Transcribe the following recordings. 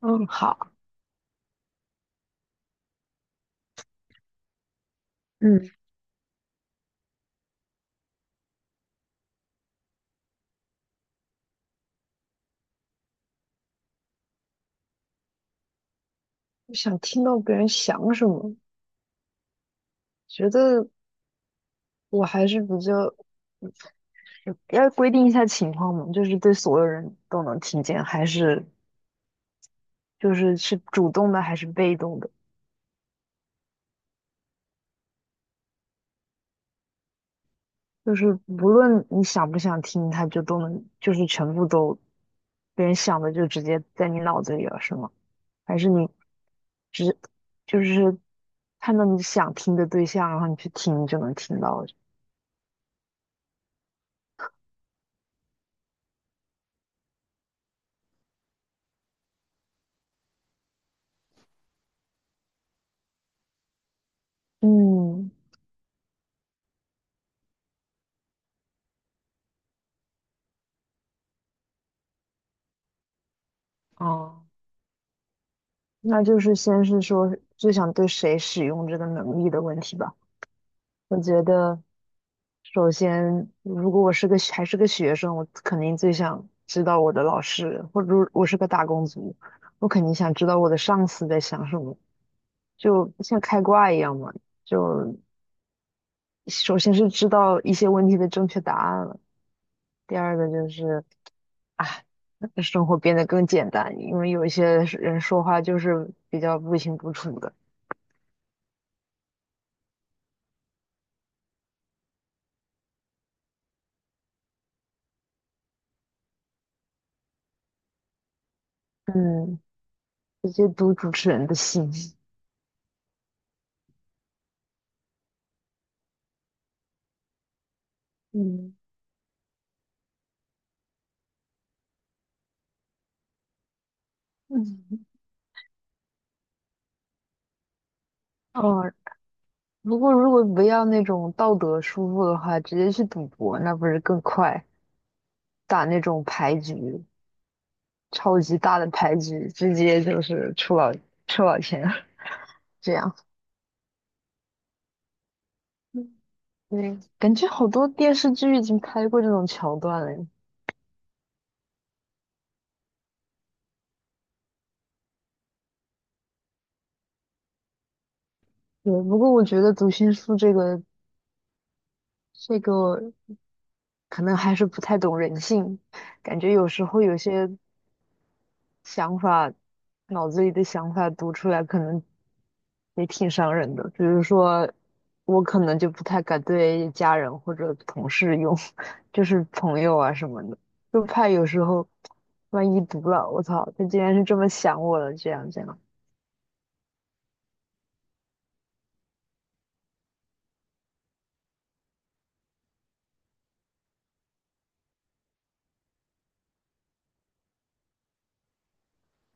嗯，好，嗯，我想听到别人想什么，觉得我还是比较要规定一下情况嘛，就是对所有人都能听见，还是就是是主动的还是被动的，就是无论你想不想听，他就都能，就是全部都别人想的就直接在你脑子里了，是吗？还是你只就是看到你想听的对象，然后你去听就能听到？嗯，哦。那就是先是说最想对谁使用这个能力的问题吧。我觉得，首先，如果我是个还是个学生，我肯定最想知道我的老师，或者说我是个打工族，我肯定想知道我的上司在想什么，就像开挂一样嘛。就首先是知道一些问题的正确答案了，第二个就是啊，生活变得更简单，因为有一些人说话就是比较不清不楚的。嗯，直接读主持人的心。嗯嗯，哦，如果不要那种道德束缚的话，直接去赌博，那不是更快？打那种牌局，超级大的牌局，直接就是出老千，这样。嗯对，感觉好多电视剧已经拍过这种桥段了。对，不过我觉得读心术这个这个可能还是不太懂人性，感觉有时候有些想法，脑子里的想法读出来，可能也挺伤人的。比如说，我可能就不太敢对家人或者同事用，就是朋友啊什么的，就怕有时候万一读了，我操，他竟然是这么想我了，这样这样。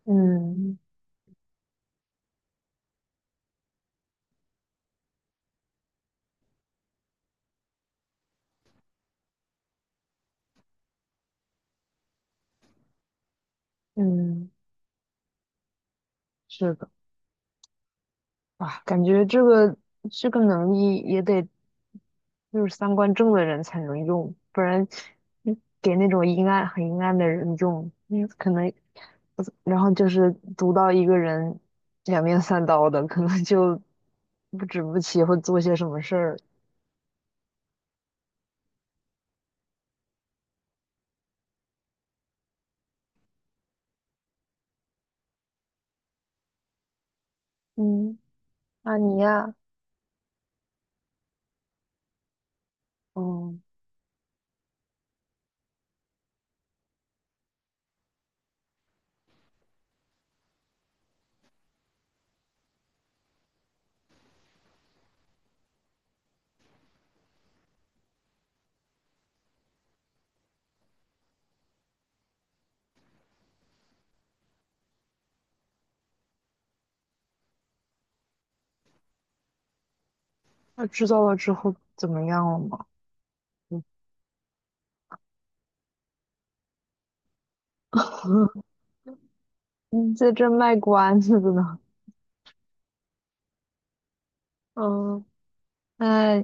嗯嗯，是的，啊，感觉这个能力也得就是三观正的人才能用，不然嗯给那种阴暗的人用，嗯，可能。然后就是读到一个人两面三刀的，可能就不止不起会做些什么事儿。嗯，那你呀，嗯，那知道了之后怎么样了吗？嗯 你在这卖关子的呢。嗯，那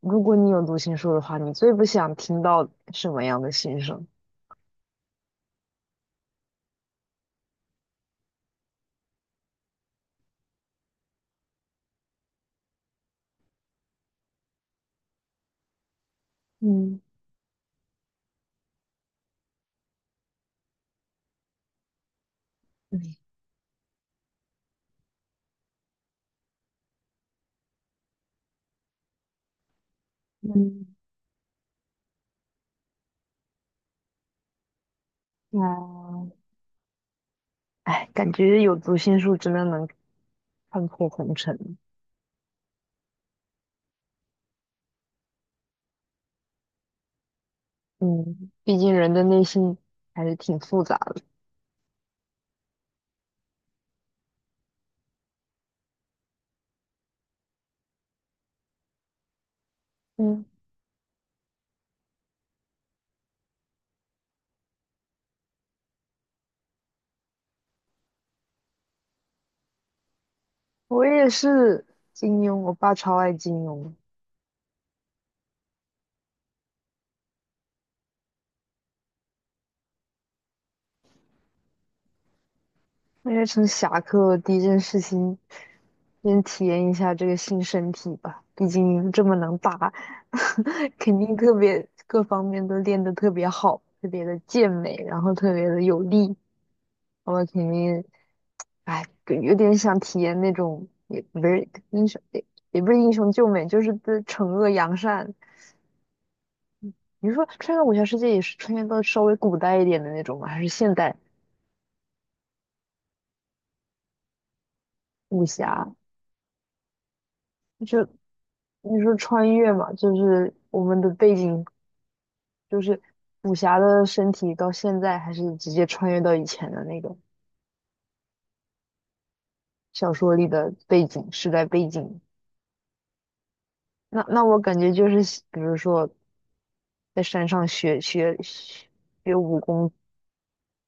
如果你有读心术的话，你最不想听到什么样的心声？嗯嗯嗯，啊，哎，感觉有读心术真的能看破红尘。嗯，毕竟人的内心还是挺复杂的。嗯，我也是金庸，我爸超爱金庸，我也从侠客第一件事情，先体验一下这个新身体吧。毕竟这么能打，肯定特别各方面都练得特别好，特别的健美，然后特别的有力。我肯定，哎，有点想体验那种，也不是英雄，也不是英雄救美，就是对惩恶扬善，你是说穿越武侠世界也是穿越到稍微古代一点的那种吗？还是现代武侠？就你说穿越嘛，就是我们的背景就是武侠的身体到现在，还是直接穿越到以前的那个小说里的背景时代背景？那那我感觉就是，比如说在山上学武功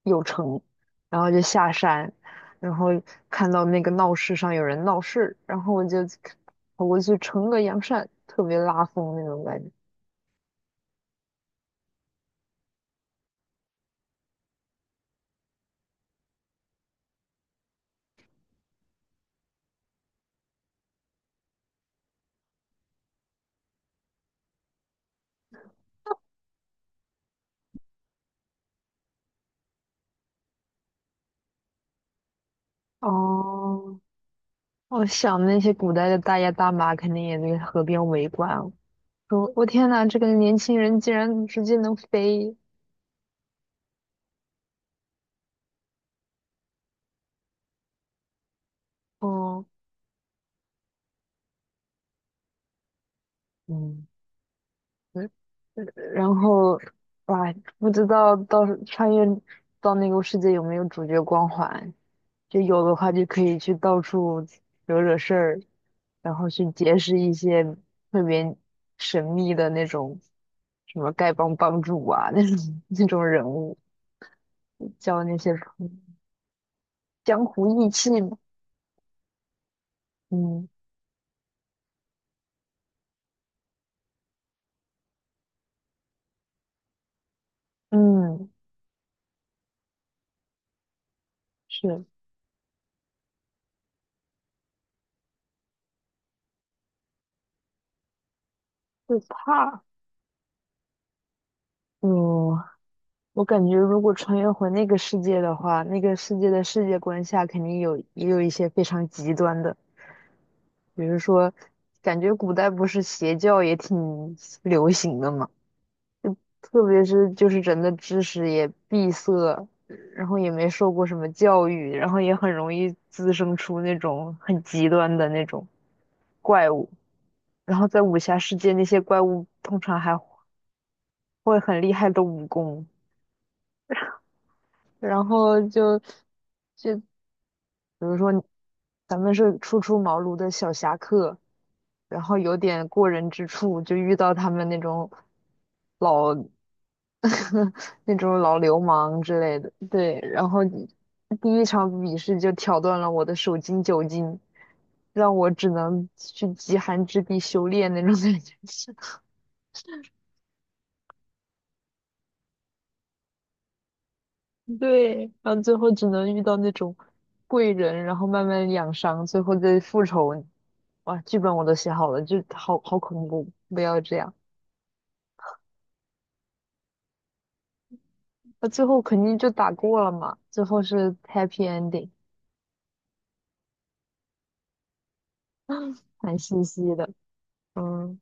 有城，然后就下山，然后看到那个闹市上有人闹事，然后我就跑过去撑个阳伞，特别拉风那种感觉。哦，我想那些古代的大爷大妈肯定也在河边围观了，说我天呐，这个年轻人竟然直接能飞，哦，嗯，嗯然后哇，不知道到时穿越到那个世界有没有主角光环。就有的话就可以去到处惹惹事儿，然后去结识一些特别神秘的那种什么丐帮帮主啊，那种人物，交那些朋友江湖义气嘛。嗯嗯，是会怕。嗯，我感觉如果穿越回那个世界的话，那个世界的世界观下肯定有也有一些非常极端的，比如说，感觉古代不是邪教也挺流行的吗？特别是就是人的知识也闭塞，然后也没受过什么教育，然后也很容易滋生出那种很极端的那种怪物。然后在武侠世界，那些怪物通常还会很厉害的武功，然后就比如说咱们是初出茅庐的小侠客，然后有点过人之处，就遇到他们那种。老。那种老流氓之类的。对，然后第一场比试就挑断了我的手筋脚筋，让我只能去极寒之地修炼那种感觉。是，对，然后最后只能遇到那种贵人，然后慢慢养伤，最后再复仇。哇，剧本我都写好了，就好恐怖，不要这样。那最后肯定就打过了嘛，最后是 happy ending，蛮欣喜的。嗯。